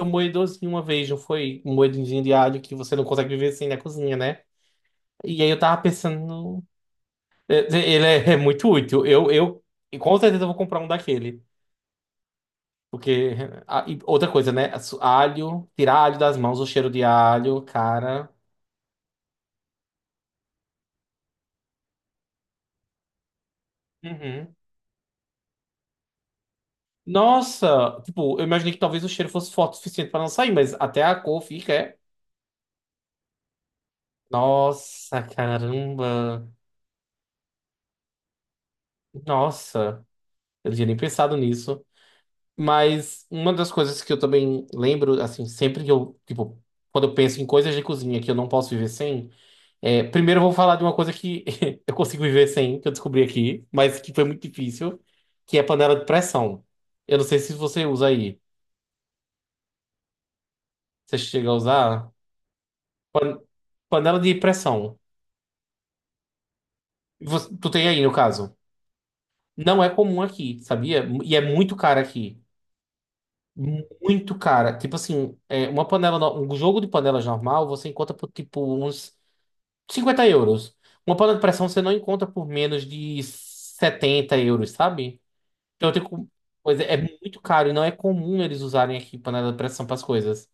Um moedorzinho uma vez, não foi? Um moedinho de alho que você não consegue viver sem na cozinha, né? E aí eu tava pensando Ele é muito útil. Eu e com certeza eu vou comprar um daquele. Porque. E outra coisa, né? Alho, tirar alho das mãos, o cheiro de alho, cara. Uhum. Nossa! Tipo, eu imaginei que talvez o cheiro fosse forte o suficiente pra não sair, mas até a cor fica. Nossa, caramba! Nossa! Eu não tinha nem pensado nisso. Mas uma das coisas que eu também lembro, assim, sempre que eu, tipo, quando eu penso em coisas de cozinha que eu não posso viver sem, primeiro eu vou falar de uma coisa que eu consigo viver sem, que eu descobri aqui, mas que foi muito difícil, que é panela de pressão. Eu não sei se você usa aí. Você chega a usar? Pan- Panela de pressão. Tu tem aí, no caso. Não é comum aqui, sabia? E é muito cara aqui. Muito cara. Tipo assim, uma panela, no- um jogo de panelas normal, você encontra por tipo uns 50 euros. Uma panela de pressão você não encontra por menos de 70 euros, sabe? Então tem pois é, é muito caro e não é comum eles usarem aqui panela de pressão para as coisas.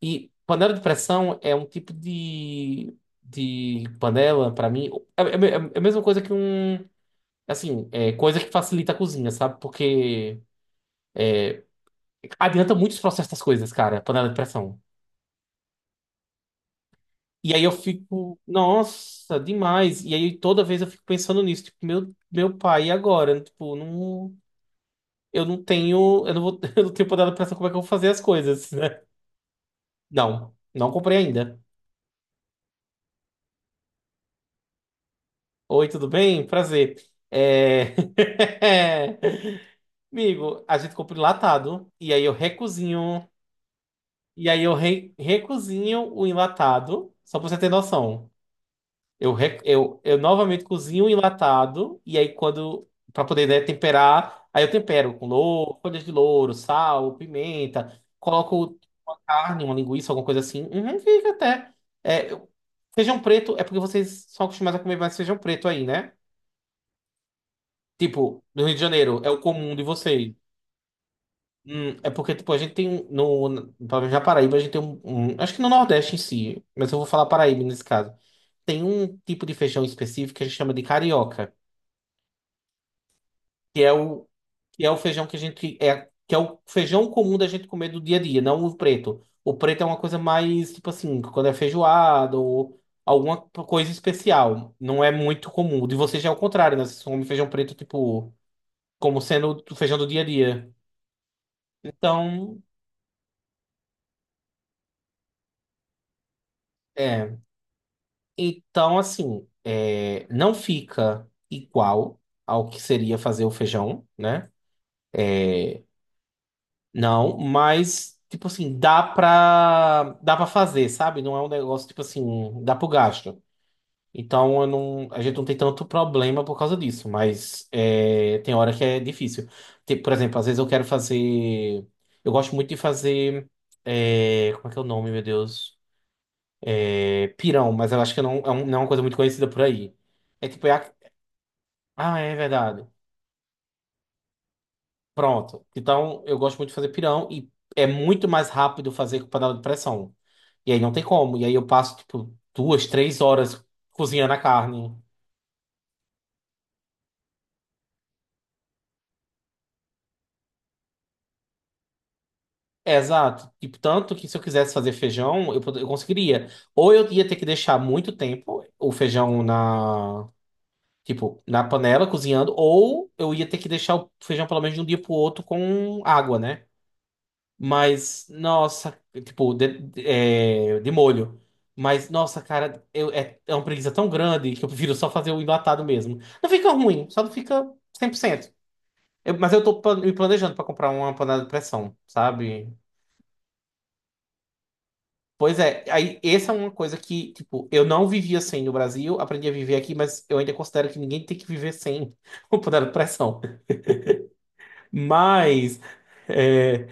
E panela de pressão é um tipo de panela, para mim, é, é- é a mesma coisa que um. Assim, é coisa que facilita a cozinha, sabe? Porque adianta muito os processos das coisas, cara, panela de pressão. E aí eu fico, nossa, demais. E aí toda vez eu fico pensando nisso, tipo, meu pai, e agora? Tipo, não, eu não tenho, eu não vou, eu não tenho poder de pressão, como é que eu vou fazer as coisas, né? Não, não comprei ainda. Oi, tudo bem? Prazer. É... Amigo, a gente compra enlatado, e aí eu recozinho, e aí eu recozinho o enlatado, só pra você ter noção. Eu novamente cozinho um enlatado, e aí quando. Para poder, né, temperar, aí eu tempero com louro, folhas de louro, sal, pimenta, coloco carne, uma linguiça, alguma coisa assim. Uhum, fica até. É, eu- Feijão preto é porque vocês são acostumados a comer mais feijão preto aí, né? Tipo, no Rio de Janeiro, é o comum de vocês. É porque, tipo, a gente tem um, pelo menos Paraíba, a gente tem um, acho que no Nordeste em si, mas eu vou falar Paraíba nesse caso. Tem um tipo de feijão específico que a gente chama de carioca. Que é o, que é o feijão que a gente é, que é o feijão comum da gente comer do dia a dia, não o preto. O preto é uma coisa mais tipo assim, quando é feijoada ou alguma coisa especial, não é muito comum. O de vocês já é o contrário, né? Vocês comem feijão preto tipo como sendo o feijão do dia a dia. Então, é, então assim, não fica igual ao que seria fazer o feijão, né? Não, mas, tipo assim, dá pra fazer, sabe? Não é um negócio, tipo assim, dá pro gasto. Então, eu não, a gente não tem tanto problema por causa disso, mas é, tem hora que é difícil. Tipo, por exemplo, às vezes eu quero fazer. Eu gosto muito de fazer. Como é que é o nome, meu Deus? É pirão, mas eu acho que não é, não é uma coisa muito conhecida por aí. É tipo, ah, é verdade. Pronto. Então, eu gosto muito de fazer pirão e é muito mais rápido fazer com panela de pressão. E aí não tem como. E aí eu passo, tipo, duas, três horas cozinhando a carne. É, exato. Tipo, tanto que se eu quisesse fazer feijão, eu conseguiria. Ou eu ia ter que deixar muito tempo o feijão na, tipo, na panela cozinhando, ou eu ia ter que deixar o feijão pelo menos de um dia pro outro com água, né? Mas, nossa, tipo, de molho. Mas, nossa, cara, é uma preguiça tão grande que eu prefiro só fazer o enlatado mesmo. Não fica ruim, só não fica 100%. Mas eu tô me planejando pra comprar uma panela de pressão, sabe? Pois é, aí essa é uma coisa que, tipo, eu não vivia sem no Brasil, aprendi a viver aqui, mas eu ainda considero que ninguém tem que viver sem uma panela de pressão. Mas. é,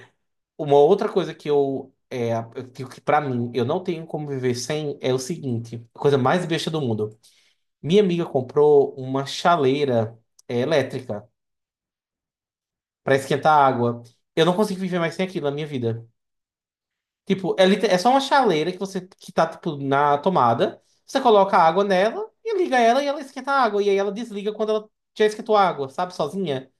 Uma outra coisa que eu, eu digo que pra mim eu não tenho como viver sem é o seguinte, a coisa mais besta do mundo. Minha amiga comprou uma chaleira elétrica pra esquentar água. Eu não consigo viver mais sem aquilo na minha vida. Tipo, é só uma chaleira que você, que tá tipo na tomada, você coloca a água nela e liga ela e ela esquenta a água e aí ela desliga quando ela já esquentou a água, sabe, sozinha.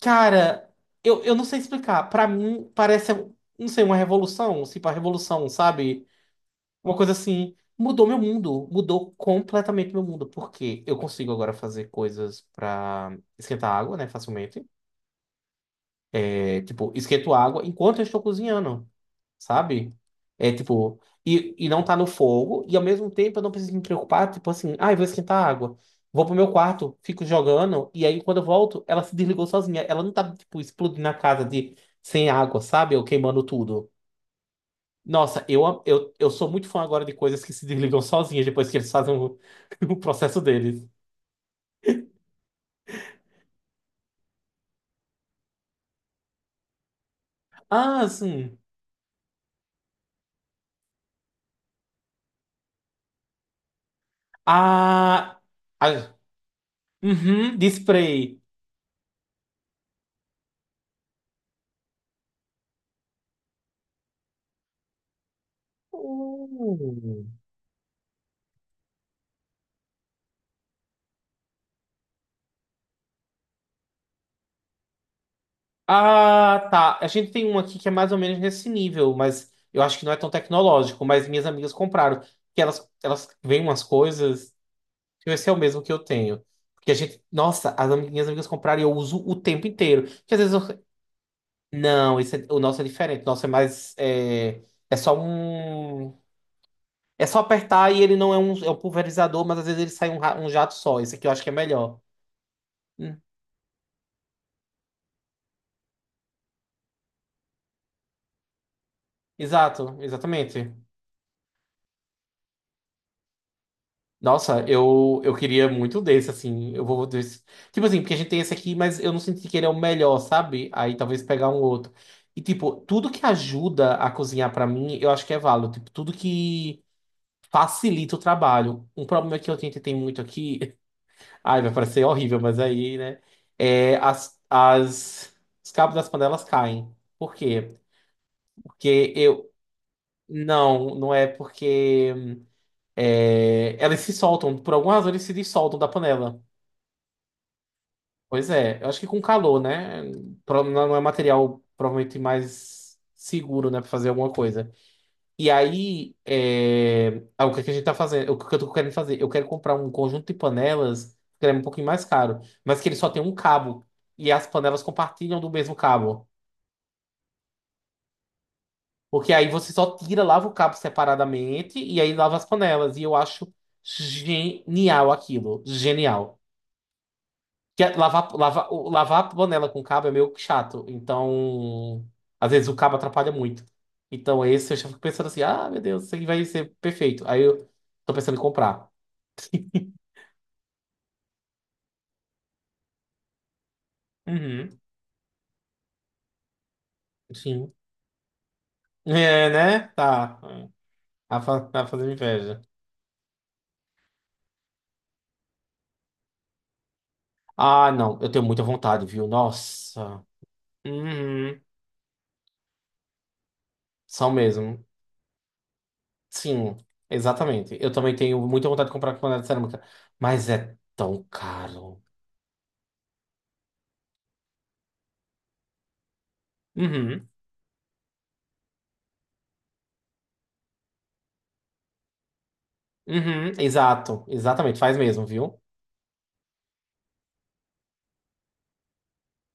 Cara, eu não sei explicar. Pra mim parece, não sei, uma revolução, tipo a revolução, sabe? Uma coisa assim, mudou meu mundo, mudou completamente meu mundo, porque eu consigo agora fazer coisas pra esquentar água, né, facilmente. É, tipo, esquento água enquanto eu estou cozinhando, sabe? É tipo, e não tá no fogo, e ao mesmo tempo eu não preciso me preocupar, tipo assim, ah, eu vou esquentar água. Vou pro meu quarto, fico jogando, e aí quando eu volto, ela se desligou sozinha. Ela não tá, tipo, explodindo a casa de sem água, sabe? Ou queimando tudo. Nossa, eu sou muito fã agora de coisas que se desligam sozinhas depois que eles fazem o, o processo deles. Ah, sim. Ah, ah, uhum, display. Uh. Ah, tá. A gente tem um aqui que é mais ou menos nesse nível, mas eu acho que não é tão tecnológico. Mas minhas amigas compraram. Que elas veem umas coisas. Esse é o mesmo que eu tenho. Porque a gente. Nossa, minhas amigas compraram e eu uso o tempo inteiro. Que às vezes eu. Não, o nosso é diferente. O nosso é mais. É, é só um. É só apertar e ele não é um, é um pulverizador, mas às vezes ele sai um jato só. Esse aqui eu acho que é melhor. Hum, Exato, exatamente. Nossa, eu queria muito desse, assim. Eu vou desse. Tipo assim, porque a gente tem esse aqui, mas eu não senti que ele é o melhor, sabe? Aí talvez pegar um outro. E, tipo, tudo que ajuda a cozinhar pra mim, eu acho que é válido. Tipo, tudo que facilita o trabalho. Um problema que eu tentei ter muito aqui. Ai, vai parecer horrível, mas aí, né? É, os cabos das panelas caem. Por quê? Porque eu. Não, não é porque. Elas se soltam. Por alguma razão, eles se dissoltam da panela. Pois é. Eu acho que com calor, né? Não, não é material provavelmente mais seguro, né? Pra fazer alguma coisa. E aí, ah, o que é que a gente tá fazendo? O que eu tô querendo fazer? Eu quero comprar um conjunto de panelas, que é um pouquinho mais caro, mas que ele só tem um cabo. E as panelas compartilham do mesmo cabo. Porque aí você só tira, lava o cabo separadamente e aí lava as panelas. E eu acho genial aquilo. Genial. Que é lavar a panela com cabo é meio chato. Então, às vezes o cabo atrapalha muito. Então, esse eu já fico pensando assim: ah, meu Deus, isso aqui vai ser perfeito. Aí eu tô pensando em comprar. Uhum, sim. É, né? Tá. Tá, tá fazendo inveja. Ah, não. Eu tenho muita vontade, viu? Nossa. Uhum. São mesmo. Sim, exatamente. Eu também tenho muita vontade de comprar panela de cerâmica. Mas é tão caro. Uhum. Uhum. Exato. Exatamente. Faz mesmo, viu?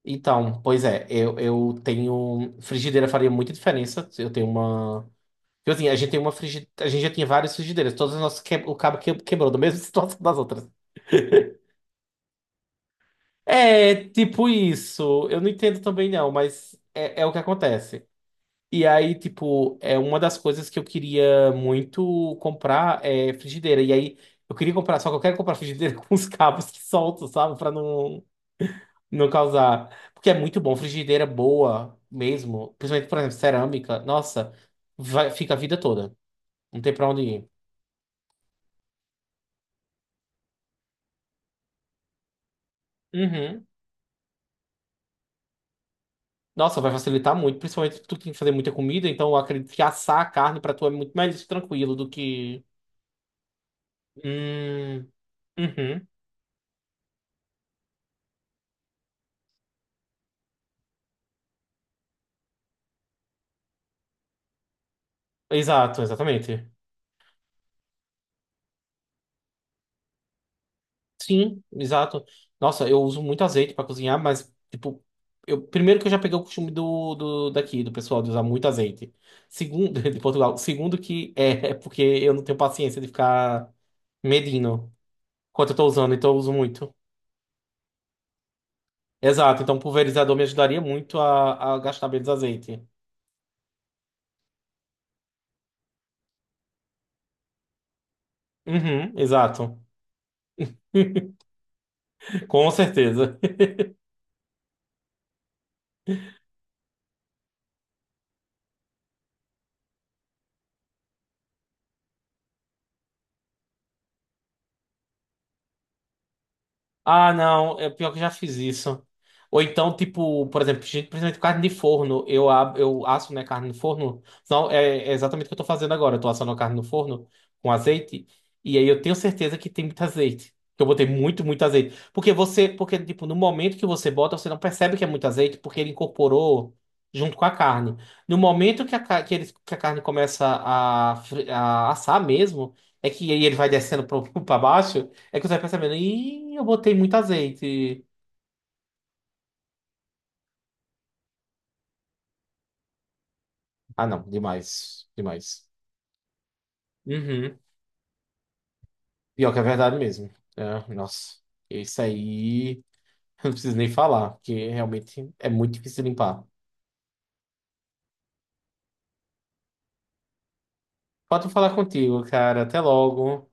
Então, pois é. Eu tenho... Frigideira faria muita diferença. Eu tenho uma... Tipo assim, a gente tem uma frigideira... A gente já tinha várias frigideiras. Todas as nossas... O cabo quebrou da mesma situação das outras. É, tipo isso. Eu não entendo também, não, mas é o que acontece. E aí, tipo, é uma das coisas que eu queria muito comprar é frigideira. E aí, eu queria comprar, só que eu quero comprar frigideira com os cabos que soltam, sabe? Pra não, não causar. Porque é muito bom, frigideira boa mesmo. Principalmente, por exemplo, cerâmica. Nossa, vai, fica a vida toda. Não tem pra onde ir. Uhum. Nossa, vai facilitar muito, principalmente se tu tem que fazer muita comida, então eu acredito que assar a carne pra tu é muito mais tranquilo do que. Hum, uhum. Exato, exatamente. Sim, exato. Nossa, eu uso muito azeite pra cozinhar, mas, tipo, eu, primeiro que eu já peguei o costume do daqui, do pessoal, de usar muito azeite. Segundo, de Portugal. Segundo que é porque eu não tenho paciência de ficar medindo quanto eu tô usando, então eu uso muito. Exato, então pulverizador me ajudaria muito a gastar menos azeite. Uhum, exato. Com certeza. Ah, não, é pior que eu já fiz isso. Ou então, tipo, por exemplo, gente, principalmente carne de forno, eu asso, né, carne no forno. Não, é exatamente o que eu tô fazendo agora. Eu tô assando a carne no forno com azeite, e aí eu tenho certeza que tem muito azeite. Que eu botei muito, muito azeite. Porque você, porque, tipo, no momento que você bota, você não percebe que é muito azeite, porque ele incorporou junto com a carne. No momento que a, ca- que eles- que a carne começa a assar mesmo, é que aí ele vai descendo para baixo. É que você vai percebendo, ih, eu botei muito azeite. Ah, não, demais, demais. Uhum. Pior que é verdade mesmo. É, nossa, isso aí eu não preciso nem falar, porque realmente é muito difícil limpar. Pode falar contigo, cara. Até logo.